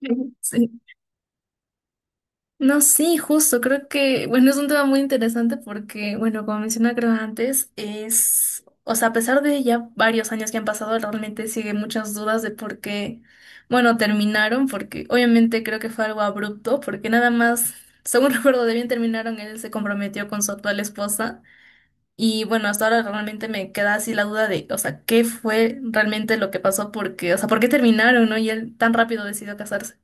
Sí. No, sí, justo, creo que, bueno, es un tema muy interesante porque, bueno, como mencioné creo antes, es, o sea, a pesar de ya varios años que han pasado, realmente sigue muchas dudas de por qué, bueno, terminaron, porque obviamente creo que fue algo abrupto, porque nada más, según recuerdo de bien, terminaron, él se comprometió con su actual esposa y, bueno, hasta ahora realmente me queda así la duda de, o sea, ¿qué fue realmente lo que pasó? Porque, o sea, ¿por qué terminaron, no? Y él tan rápido decidió casarse.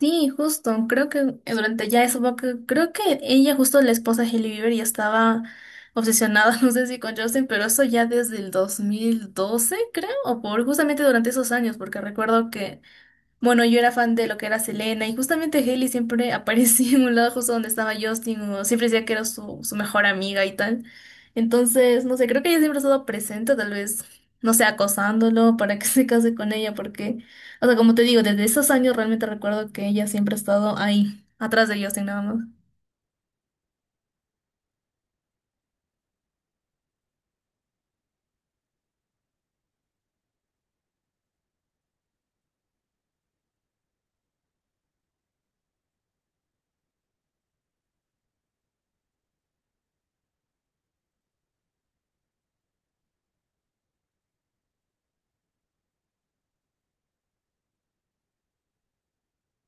Sí, justo, creo que durante ya eso, porque creo que ella, justo la esposa de Hailey Bieber, ya estaba obsesionada, no sé si con Justin, pero eso ya desde el 2012, creo, o por justamente durante esos años, porque recuerdo que bueno, yo era fan de lo que era Selena y justamente Hailey siempre aparecía en un lado justo donde estaba Justin, o siempre decía que era su, su mejor amiga y tal. Entonces, no sé, creo que ella siempre ha estado presente, tal vez, no sé, acosándolo para que se case con ella, porque, o sea, como te digo, desde esos años realmente recuerdo que ella siempre ha estado ahí, atrás de Justin nada más.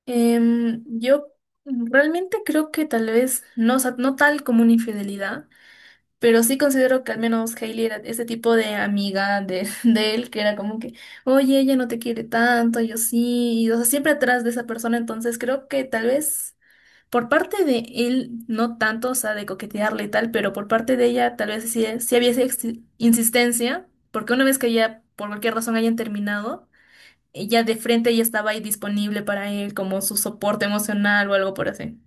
Yo realmente creo que tal vez, no, o sea, no tal como una infidelidad. Pero sí considero que al menos Hailey era ese tipo de amiga de, de él, que era como que, oye, ella no te quiere tanto, yo sí, y, o sea, siempre atrás de esa persona, entonces creo que tal vez por parte de él, no tanto, o sea, de coquetearle y tal, pero por parte de ella tal vez sí, sí había esa insistencia, porque una vez que ya por cualquier razón hayan terminado, ella de frente ya estaba ahí disponible para él como su soporte emocional o algo por así.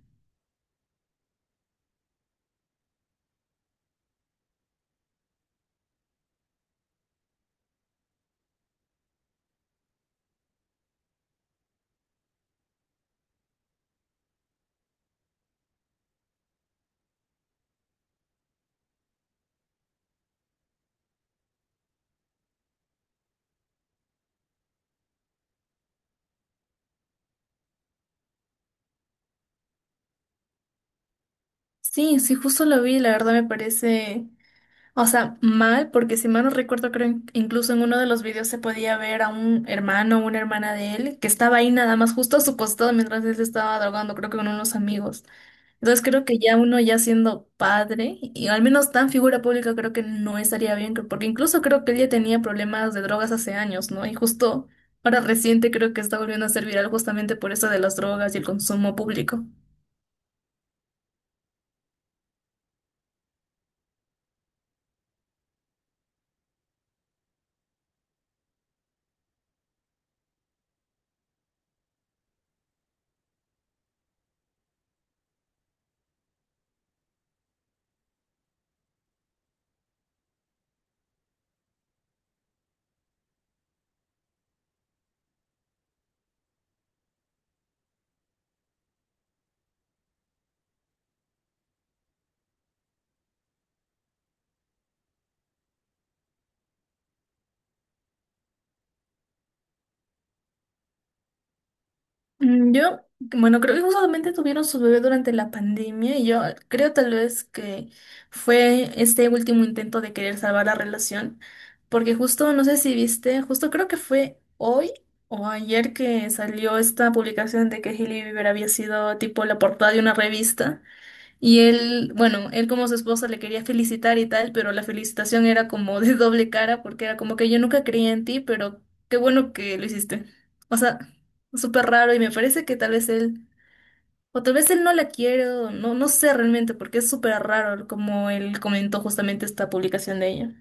Sí, sí, justo lo vi, la verdad me parece... O sea, mal, porque si mal no recuerdo, creo incluso en uno de los videos se podía ver a un hermano o una hermana de él que estaba ahí nada más justo a su costado mientras él se estaba drogando, creo que con unos amigos. Entonces creo que ya uno ya siendo padre, y al menos tan figura pública, creo que no estaría bien, porque incluso creo que él ya tenía problemas de drogas hace años, ¿no? Y justo ahora reciente creo que está volviendo a ser viral justamente por eso de las drogas y el consumo público. Yo, bueno, creo que justamente tuvieron su bebé durante la pandemia y yo creo tal vez que fue este último intento de querer salvar la relación, porque justo, no sé si viste, justo creo que fue hoy o ayer que salió esta publicación de que Hailey Bieber había sido tipo la portada de una revista. Y él, bueno, él como su esposa le quería felicitar y tal, pero la felicitación era como de doble cara porque era como que yo nunca creía en ti, pero qué bueno que lo hiciste. O sea, súper raro y me parece que tal vez él, o tal vez él no la quiere, o no, no sé realmente porque es súper raro como él comentó justamente esta publicación de ella.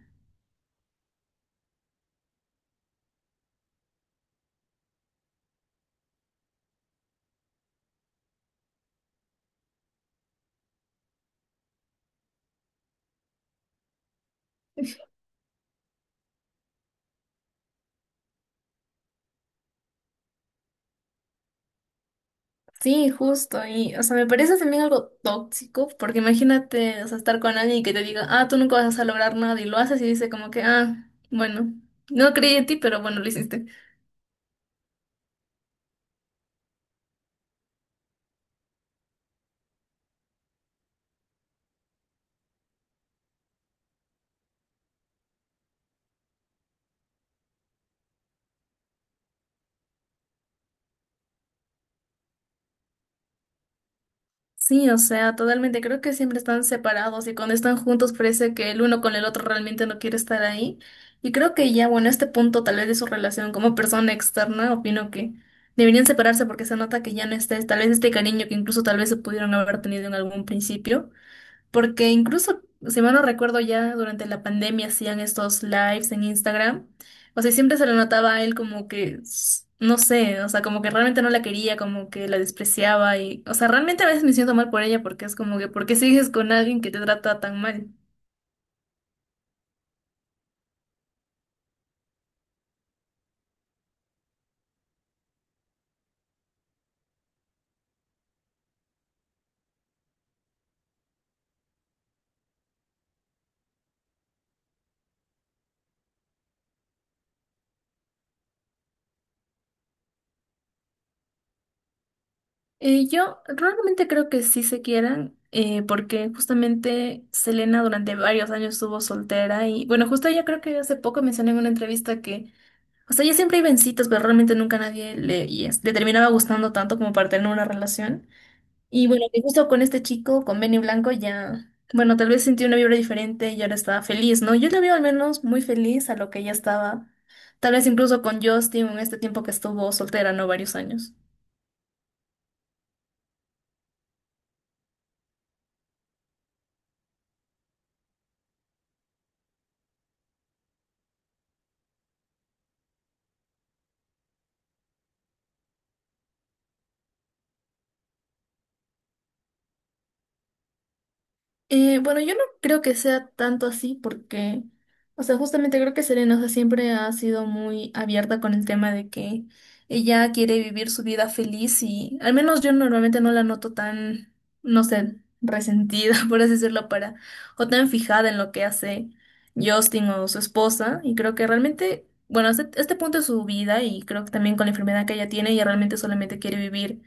Sí, justo, y o sea, me parece también algo tóxico, porque imagínate, o sea, estar con alguien que te diga, ah, tú nunca vas a lograr nada, y lo haces y dice como que, ah, bueno, no creí en ti, pero bueno, lo hiciste. Sí, o sea, totalmente. Creo que siempre están separados y cuando están juntos parece que el uno con el otro realmente no quiere estar ahí. Y creo que ya, bueno, este punto tal vez de su relación como persona externa, opino que deberían separarse porque se nota que ya no está, tal vez este cariño que incluso tal vez se pudieron haber tenido en algún principio. Porque incluso, si mal no recuerdo, ya durante la pandemia hacían estos lives en Instagram. O sea, siempre se le notaba a él como que, no sé, o sea, como que realmente no la quería, como que la despreciaba y, o sea, realmente a veces me siento mal por ella porque es como que, ¿por qué sigues con alguien que te trata tan mal? Yo realmente creo que sí se quieran, porque justamente Selena durante varios años estuvo soltera y, bueno, justo ella creo que hace poco mencioné en una entrevista que o sea, ya siempre iba en citas, pero realmente nunca nadie le, le terminaba gustando tanto como para tener una relación. Y bueno, que justo con este chico, con Benny Blanco, ya, bueno, tal vez sentí una vibra diferente y ahora estaba feliz, ¿no? Yo la veo al menos muy feliz a lo que ella estaba. Tal vez incluso con Justin en este tiempo que estuvo soltera, ¿no? Varios años. Bueno, yo no creo que sea tanto así porque, o sea, justamente creo que Serena, o sea, siempre ha sido muy abierta con el tema de que ella quiere vivir su vida feliz y al menos yo normalmente no la noto tan, no sé, resentida, por así decirlo, para, o tan fijada en lo que hace Justin o su esposa y creo que realmente, bueno, este punto es su vida y creo que también con la enfermedad que ella tiene, ella realmente solamente quiere vivir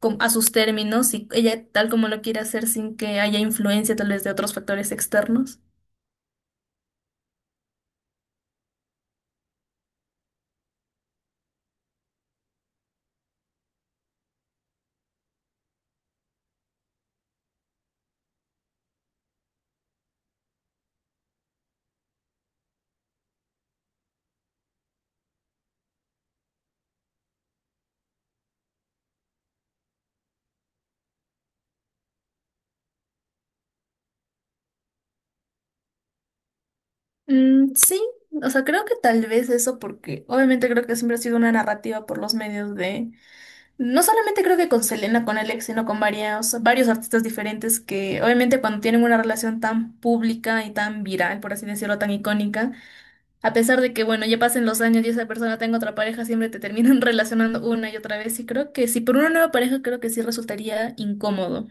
a sus términos y ella tal como lo quiere hacer sin que haya influencia tal vez de otros factores externos. Mm, sí, o sea, creo que tal vez eso porque obviamente creo que siempre ha sido una narrativa por los medios de, no solamente creo que con Selena, con Alex, sino con varios artistas diferentes que obviamente cuando tienen una relación tan pública y tan viral, por así decirlo, tan icónica, a pesar de que, bueno, ya pasen los años y esa persona tenga otra pareja, siempre te terminan relacionando una y otra vez y creo que si por una nueva pareja creo que sí resultaría incómodo.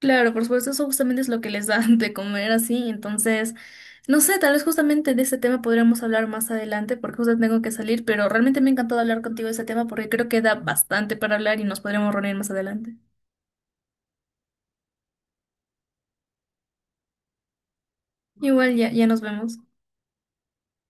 Claro, por supuesto, eso justamente es lo que les da de comer así. Entonces, no sé, tal vez justamente de ese tema podríamos hablar más adelante porque justo tengo que salir, pero realmente me ha encantado hablar contigo de ese tema porque creo que da bastante para hablar y nos podremos reunir más adelante. Igual ya, ya nos vemos.